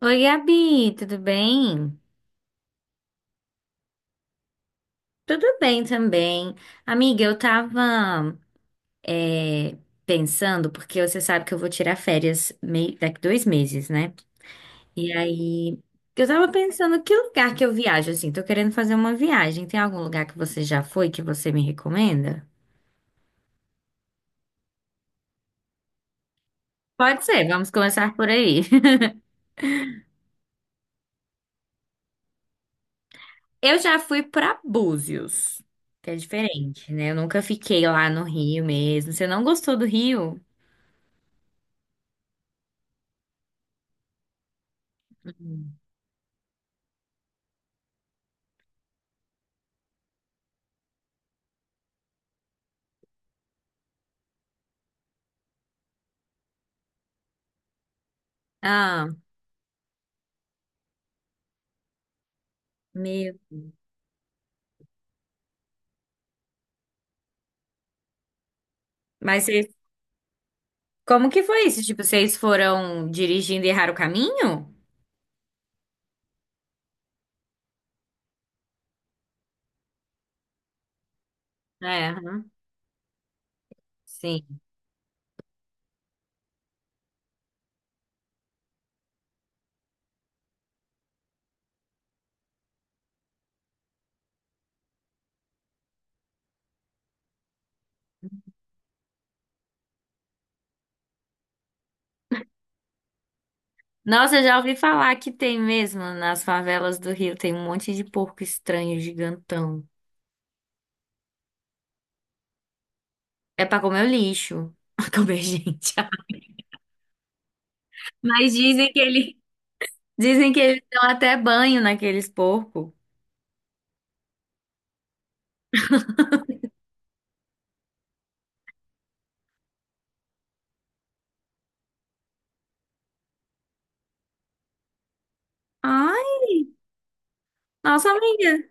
Oi, Gabi, tudo bem? Tudo bem também. Amiga, eu tava é, pensando, porque você sabe que eu vou tirar férias daqui 2 meses, né? E aí, eu tava pensando que lugar que eu viajo, assim, tô querendo fazer uma viagem. Tem algum lugar que você já foi que você me recomenda? Pode ser, vamos começar por aí. Eu já fui pra Búzios, que é diferente, né? Eu nunca fiquei lá no Rio mesmo. Você não gostou do Rio? Ah, meu. Mas você Como que foi isso? Tipo, vocês foram dirigindo e erraram o caminho? É, aham, sim. Nossa, eu já ouvi falar que tem mesmo nas favelas do Rio, tem um monte de porco estranho, gigantão. É pra comer o lixo. Pra comer gente. Mas dizem que eles dão até banho naqueles porcos. Ai, nossa amiga,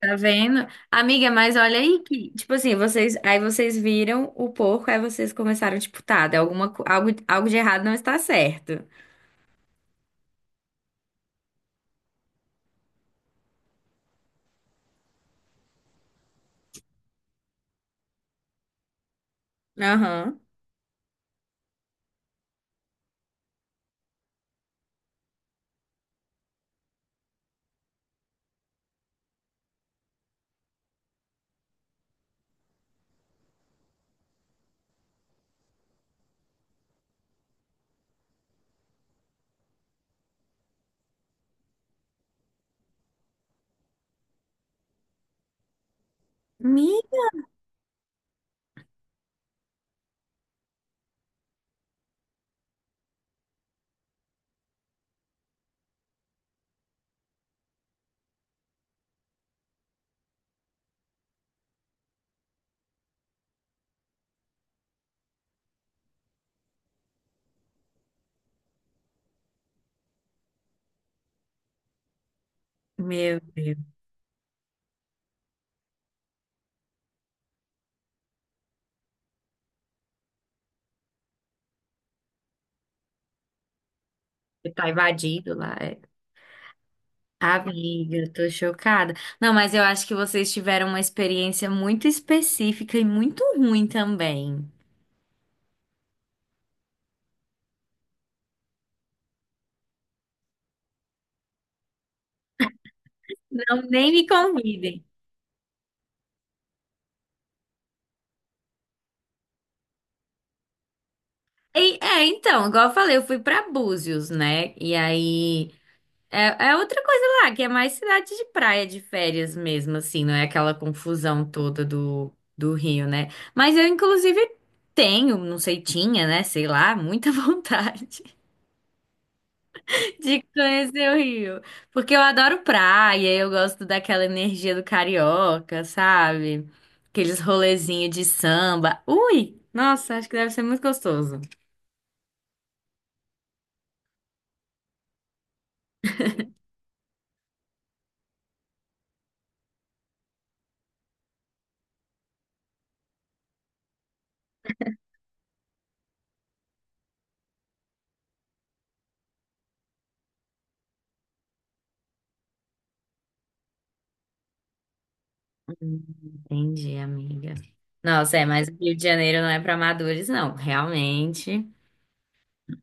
tá vendo? Amiga, mas olha aí que, tipo assim, vocês, aí vocês viram o porco, aí vocês começaram, tipo, tá, de alguma, algo de errado não está certo. Aham. Mi- Meu Deus, você tá invadido lá. É. Amiga, eu tô chocada. Não, mas eu acho que vocês tiveram uma experiência muito específica e muito ruim também. Não, nem me convidem. É, então, igual eu falei, eu fui pra Búzios, né? E aí é outra coisa lá, que é mais cidade de praia, de férias mesmo, assim, não é aquela confusão toda do Rio, né? Mas eu, inclusive, tenho, não sei, tinha, né? Sei lá, muita vontade. De conhecer o Rio. Porque eu adoro praia, eu gosto daquela energia do carioca, sabe? Aqueles rolezinhos de samba. Ui! Nossa, acho que deve ser muito gostoso. Hum, Entendi, amiga. Nossa, mas o Rio de Janeiro não é para amadores, não. Realmente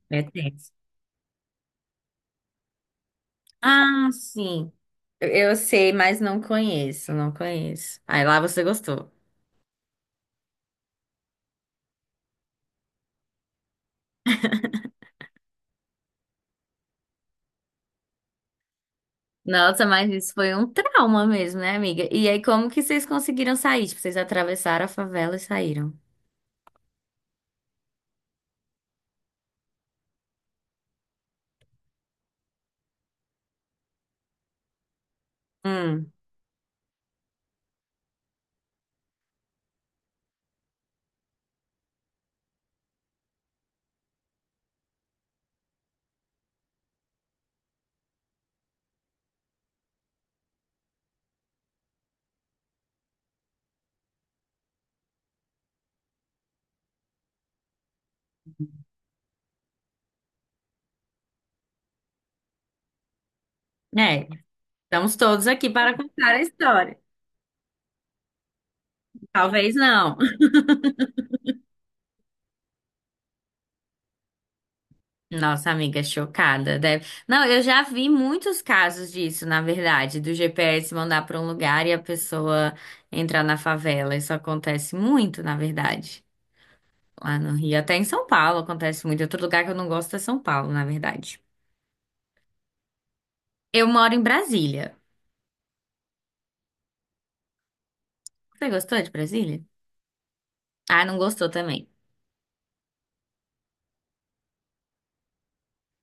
é tenso. Ah, sim. Eu sei, mas não conheço, não conheço. Aí lá você gostou. Nossa, mas isso foi um trauma mesmo, né, amiga? E aí, como que vocês conseguiram sair? Tipo, vocês atravessaram a favela e saíram. Hum, é. Estamos todos aqui para contar a história. Talvez não. Nossa, amiga, chocada. Não, eu já vi muitos casos disso, na verdade, do GPS mandar para um lugar e a pessoa entrar na favela. Isso acontece muito, na verdade. Lá no Rio, até em São Paulo acontece muito. Outro lugar que eu não gosto é São Paulo, na verdade. Eu moro em Brasília. Você gostou de Brasília? Ah, não gostou também.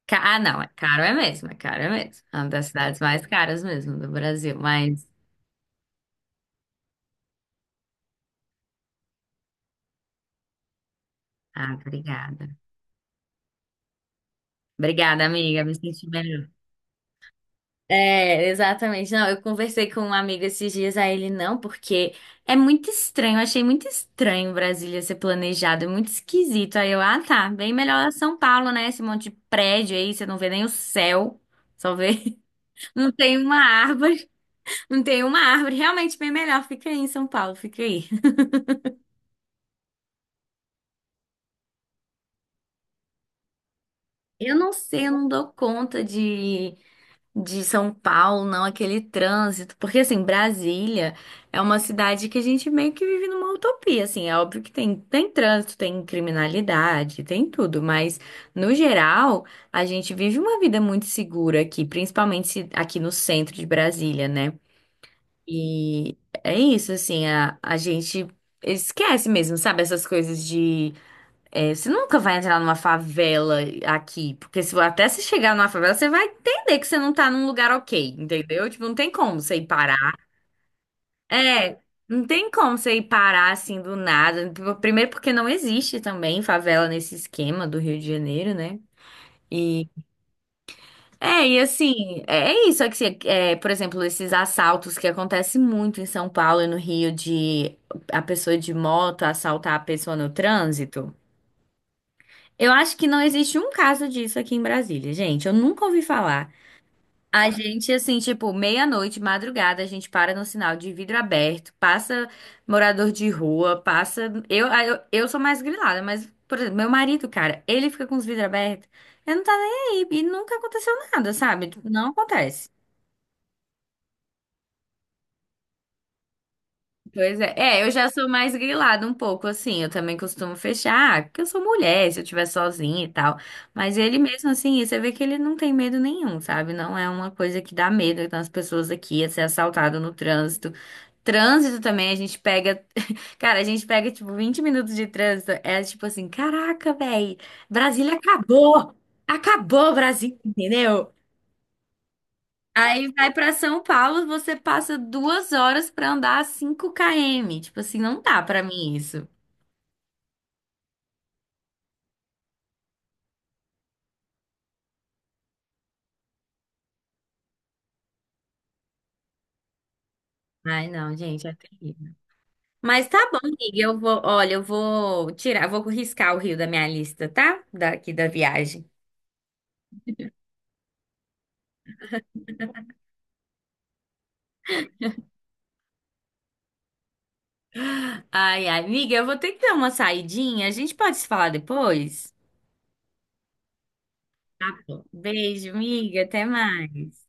Ah, não, é caro é mesmo, é caro é mesmo. É uma das cidades mais caras mesmo do Brasil, mas. Ah, obrigada. Obrigada, amiga, me senti melhor. É, exatamente. Não, eu conversei com um amigo esses dias, a ele não, porque é muito estranho. Eu achei muito estranho Brasília ser planejado, é muito esquisito. Aí eu, ah, tá, bem melhor São Paulo, né? Esse monte de prédio aí, você não vê nem o céu, só vê. Não tem uma árvore, não tem uma árvore. Realmente bem melhor. Fica aí em São Paulo, fica aí. Eu não sei, eu não dou conta de, São Paulo, não, aquele trânsito, porque assim, Brasília é uma cidade que a gente meio que vive numa utopia, assim, é óbvio que tem trânsito, tem criminalidade, tem tudo, mas no geral, a gente vive uma vida muito segura aqui, principalmente aqui no centro de Brasília, né? E é isso, assim, a gente esquece mesmo, sabe, essas coisas é, você nunca vai entrar numa favela aqui, porque se, até se chegar numa favela, você vai entender que você não tá num lugar ok, entendeu? Tipo, não tem como você ir parar. É, não tem como você ir parar assim do nada. Primeiro porque não existe também favela nesse esquema do Rio de Janeiro, né? E e assim, é isso é que é, por exemplo, esses assaltos que acontecem muito em São Paulo e no Rio de a pessoa de moto assaltar a pessoa no trânsito. Eu acho que não existe um caso disso aqui em Brasília, gente. Eu nunca ouvi falar. A gente, assim, tipo, meia-noite, madrugada, a gente para no sinal de vidro aberto, passa morador de rua, passa. Eu sou mais grilada, mas, por exemplo, meu marido, cara, ele fica com os vidros abertos, ele não tá nem aí. E nunca aconteceu nada, sabe? Tipo, não acontece. Pois é. É, eu já sou mais grilada um pouco, assim. Eu também costumo fechar, porque eu sou mulher, se eu estiver sozinha e tal. Mas ele mesmo, assim, você vê que ele não tem medo nenhum, sabe? Não é uma coisa que dá medo. Então, as pessoas aqui, é ser assaltado no trânsito. Trânsito também, a gente pega. Cara, a gente pega, tipo, 20 minutos de trânsito. É tipo assim: caraca, véi, Brasília acabou! Acabou, Brasília, entendeu? Aí vai pra São Paulo, você passa 2 horas pra andar 5 km. Tipo assim, não dá pra mim isso. Ai, não, gente, é terrível. Mas tá bom, amiga, olha, vou riscar o Rio da minha lista, tá? Daqui da viagem. Ai, ai, amiga, eu vou ter que dar uma saidinha. A gente pode se falar depois? Tá bom. Beijo, amiga, até mais.